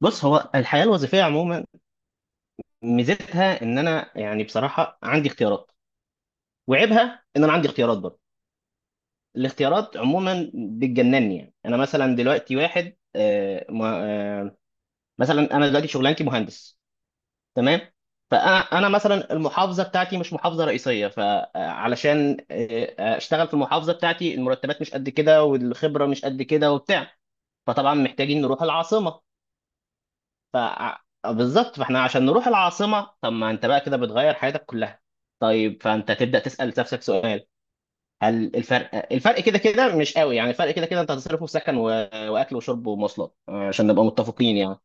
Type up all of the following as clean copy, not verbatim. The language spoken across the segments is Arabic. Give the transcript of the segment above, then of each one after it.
بص، هو الحياة الوظيفية عموما ميزتها ان انا يعني بصراحة عندي اختيارات، وعيبها ان انا عندي اختيارات برضه. الاختيارات عموما بتجنني، يعني انا مثلا دلوقتي واحد آه، مثلا انا دلوقتي شغلانتي مهندس. تمام. فانا مثلا المحافظة بتاعتي مش محافظة رئيسية، فعلشان اشتغل في المحافظة بتاعتي المرتبات مش قد كده والخبرة مش قد كده وبتاع. فطبعا محتاجين نروح العاصمة. ف آه، بالظبط، فاحنا عشان نروح العاصمة، طب ما انت بقى كده بتغير حياتك كلها. طيب، فانت تبدأ تسأل نفسك سؤال: هل الفرق كده كده مش قوي؟ يعني الفرق كده كده انت هتصرفه في واكل وشرب ومواصلات، عشان نبقى متفقين يعني.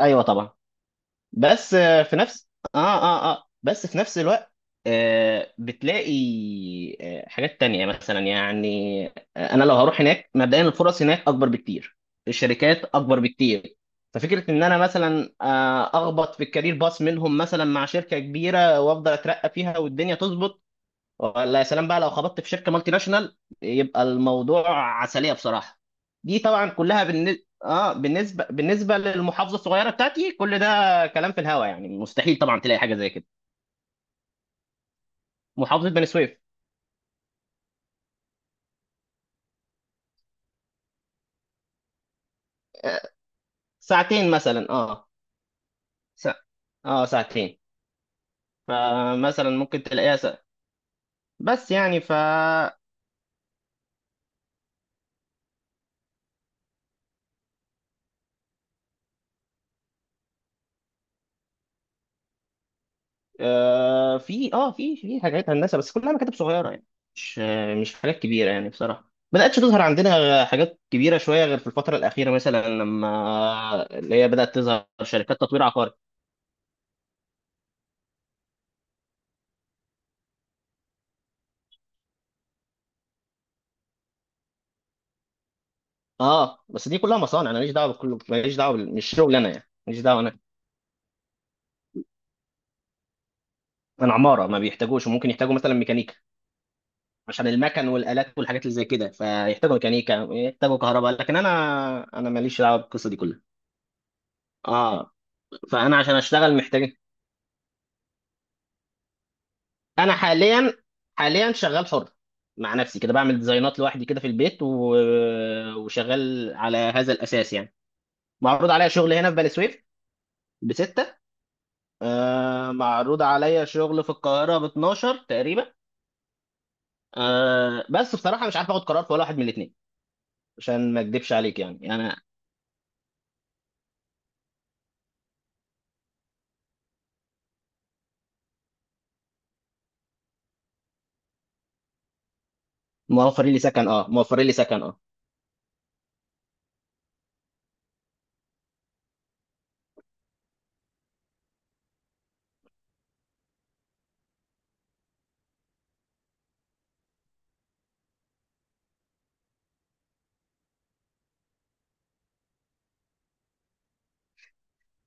ايوه طبعا. بس آه، في نفس اه اه اه بس في نفس الوقت بتلاقي حاجات تانية مثلا يعني. انا لو هروح هناك مبدئيا الفرص هناك اكبر بكتير، الشركات اكبر بكتير. ففكرة ان انا مثلا اخبط في الكارير باص منهم مثلا مع شركة كبيرة وافضل اترقى فيها والدنيا تظبط. ولا يا سلام بقى لو خبطت في شركه مالتي ناشونال، يبقى الموضوع عسليه بصراحه. دي طبعا كلها بالن... اه بالنسبه للمحافظه الصغيره بتاعتي، كل ده كلام في الهوا يعني، مستحيل طبعا تلاقي حاجه زي كده. محافظه بني سويف. آه، ساعتين مثلا، اه. سا... اه ساعتين. فمثلا ممكن تلاقيها سا... بس يعني ف آه في اه في في حاجات هندسه، بس كلها مكاتب صغيره يعني. مش حاجات كبيره يعني. بصراحه بدأتش تظهر عندنا حاجات كبيره شويه غير في الفتره الاخيره، مثلا لما اللي هي بدأت تظهر شركات تطوير عقاري. اه، بس دي كلها مصانع. انا ماليش دعوه بكل ماليش دعوه بال- مش شغل انا يعني، ماليش دعوه انا. انا عماره، ما بيحتاجوش، وممكن يحتاجوا مثلا ميكانيكا عشان المكن والالات والحاجات اللي زي كده، فيحتاجوا ميكانيكا، يحتاجوا كهرباء. لكن انا ماليش دعوه بالقصه دي كلها. اه. فانا عشان اشتغل محتاج. انا حاليا. شغال حر، مع نفسي كده، بعمل ديزاينات لوحدي كده في وشغال على هذا الاساس يعني. معروض عليا شغل هنا في بني سويف بستة. معروض عليا شغل في القاهرة ب 12 تقريبا. بس بصراحة مش عارف اخد قرار في ولا واحد من الاثنين، عشان ما اكدبش عليك يعني، انا. موفرين لي سكن، اه. موفرين لي سكن، اه.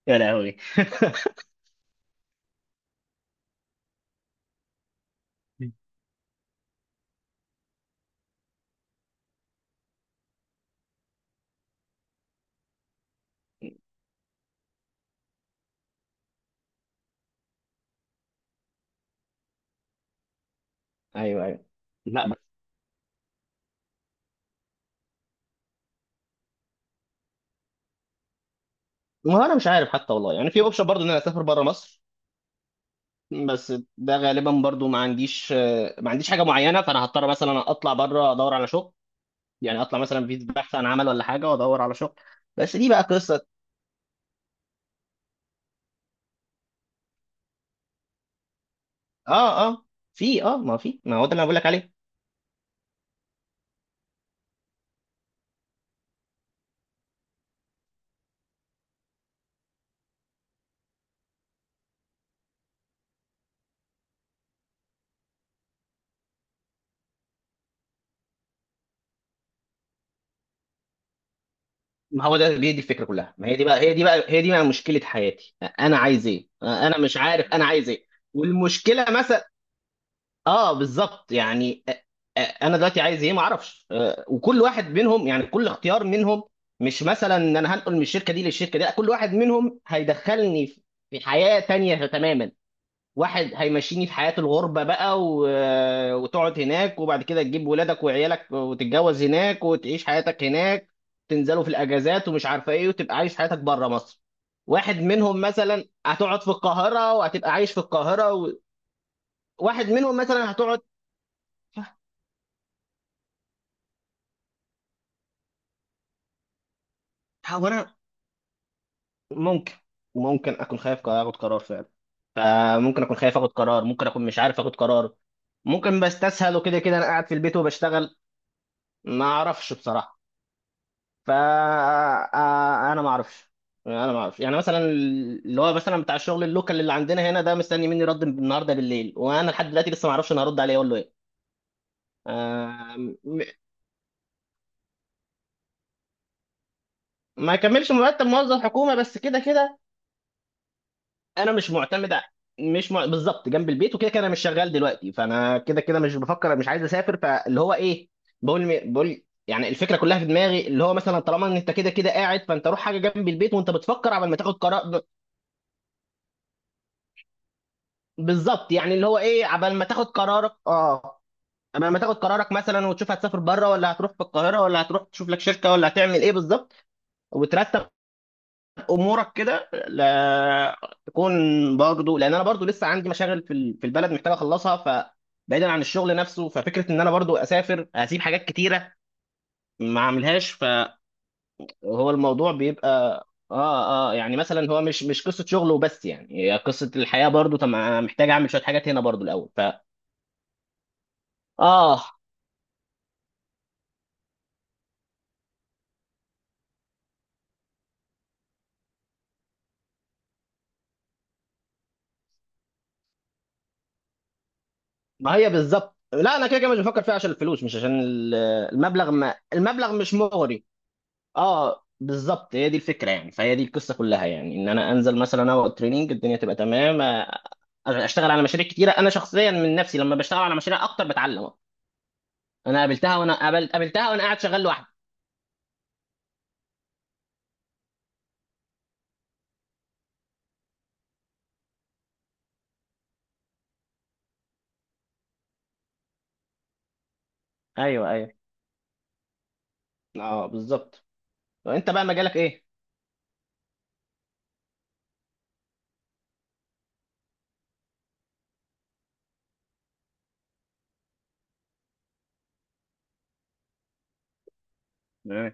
يا لهوي. ايوه، ايوه. لا بس. ما انا مش عارف حتى، والله يعني. في اوبشن برضه ان انا اسافر بره مصر. بس ده غالبا برضو ما عنديش حاجه معينه، فانا هضطر مثلا اطلع بره ادور على شغل. يعني اطلع مثلا في بحث عن عمل ولا حاجه، وادور على شغل. بس دي بقى قصه. اه اه في اه ما في ما هو ده اللي انا بقول لك عليه. ما هو ده دي الفكره كلها، ما هي دي بقى مشكله حياتي. انا عايز ايه؟ انا مش عارف انا عايز ايه. والمشكله مثلا، اه بالظبط يعني. انا دلوقتي عايز ايه؟ ما اعرفش. وكل واحد منهم، يعني كل اختيار منهم مش مثلا ان انا هنقل من الشركه دي للشركه دي، لا كل واحد منهم هيدخلني في حياه تانية تماما. واحد هيمشيني في حياه الغربه بقى و... آه، وتقعد هناك، وبعد كده تجيب ولادك وعيالك وتتجوز هناك، وتعيش حياتك هناك، تنزلوا في الاجازات ومش عارفه ايه، وتبقى عايش حياتك بره مصر. واحد منهم مثلا هتقعد في القاهره، وهتبقى عايش في واحد منهم مثلا هتقعد. هو انا ممكن ممكن اكون خايف اخد قرار فعلا. فممكن اكون خايف اخد قرار، ممكن اكون مش عارف اخد قرار، ممكن بستسهل، وكده كده انا قاعد في البيت وبشتغل. ما اعرفش بصراحه. فا آه، آه، انا ما اعرفش. يعني مثلا اللي هو مثلا بتاع الشغل اللوكال اللي عندنا هنا ده مستني مني رد النهارده بالليل، وانا لحد دلوقتي لسه ما اعرفش انا هرد عليه اقول له ايه. آه، م- ما يكملش مرتب موظف حكومه. بس كده كده انا مش معتمد ع- مش مع... بالظبط جنب البيت، وكده كده انا مش شغال دلوقتي، فانا كده كده مش بفكر، مش عايز اسافر. فاللي هو ايه؟ بقول يعني الفكره كلها في دماغي، اللي هو مثلا طالما ان انت كده كده قاعد، فانت روح حاجه جنب البيت وانت بتفكر عبال ما تاخد قرار. بالظبط يعني، اللي هو ايه؟ عبال ما تاخد قرارك مثلا، وتشوف هتسافر بره ولا هتروح في القاهره، ولا هتروح تشوف لك شركه، ولا هتعمل ايه بالظبط، وترتب امورك كده، لا تكون. برضو لان انا برضو لسه عندي مشاغل في البلد محتاج اخلصها. ف بعيدا عن الشغل نفسه، ففكره ان انا برضو اسافر هسيب حاجات كتيره ما اعملهاش، فهو الموضوع بيبقى. اه، اه، يعني مثلا هو مش قصه شغل وبس، يعني هي قصه الحياه برضو. طب أنا محتاج اعمل شويه حاجات هنا برضو الاول. ف اه، ما هي بالظبط. لا انا كده كده مش بفكر فيها عشان الفلوس، مش عشان ال- المبلغ. ما المبلغ مش مغري. اه، بالظبط هي دي الفكره يعني، فهي دي القصه كلها، يعني ان انا انزل مثلا انا والتريننج، الدنيا تبقى تمام. اشتغل على مشاريع كتيره. انا شخصيا من نفسي لما بشتغل على مشاريع اكتر بتعلم. انا قابلتها وانا قابل... قابلتها وانا قاعد شغال لوحدي. ايوه، ايوه، اه بالظبط. وانت بقى مجالك ايه؟ تمام.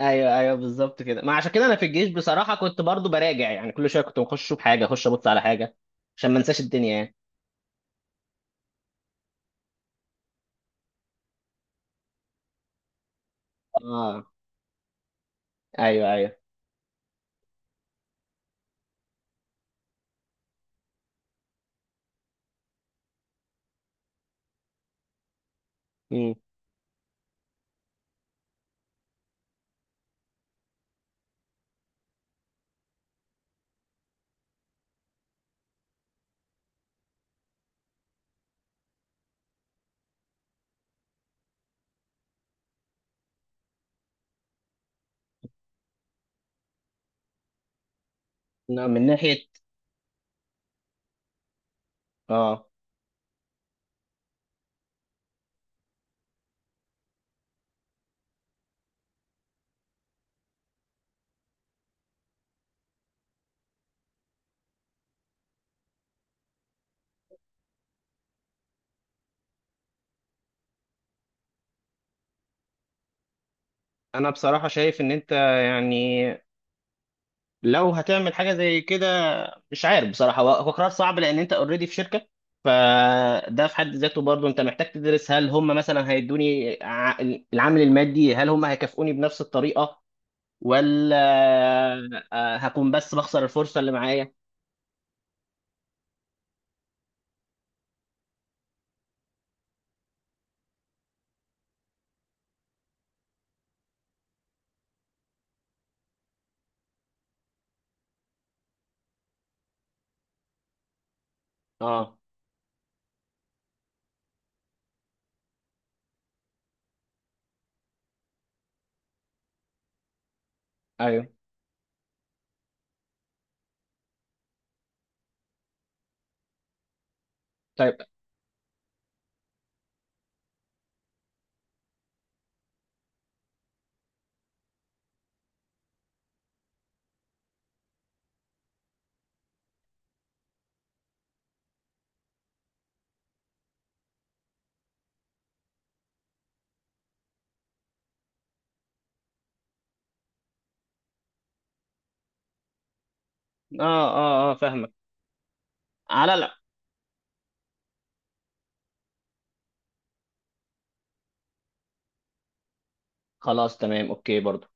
ايوه، ايوه، بالظبط كده. ما عشان كده انا في الجيش بصراحه كنت برضو براجع، يعني كل شويه كنت بخش بحاجه، اخش ابص على حاجه عشان ما انساش الدنيا يعني. اه، ايوه، ايوه. امم من ناحيه. اه، انا بصراحه شايف ان انت، يعني لو هتعمل حاجه زي كده، مش عارف بصراحه، هو قرار صعب لان انت اوريدي في شركه، فده في حد ذاته برضه انت محتاج تدرس، هل هم مثلا العامل المادي، هل هم هيكافئوني بنفس الطريقه، ولا هكون بس بخسر الفرصه اللي معايا. اه، ايوه، طيب. اه فاهمك. على لا، خلاص، تمام، اوكي برضه.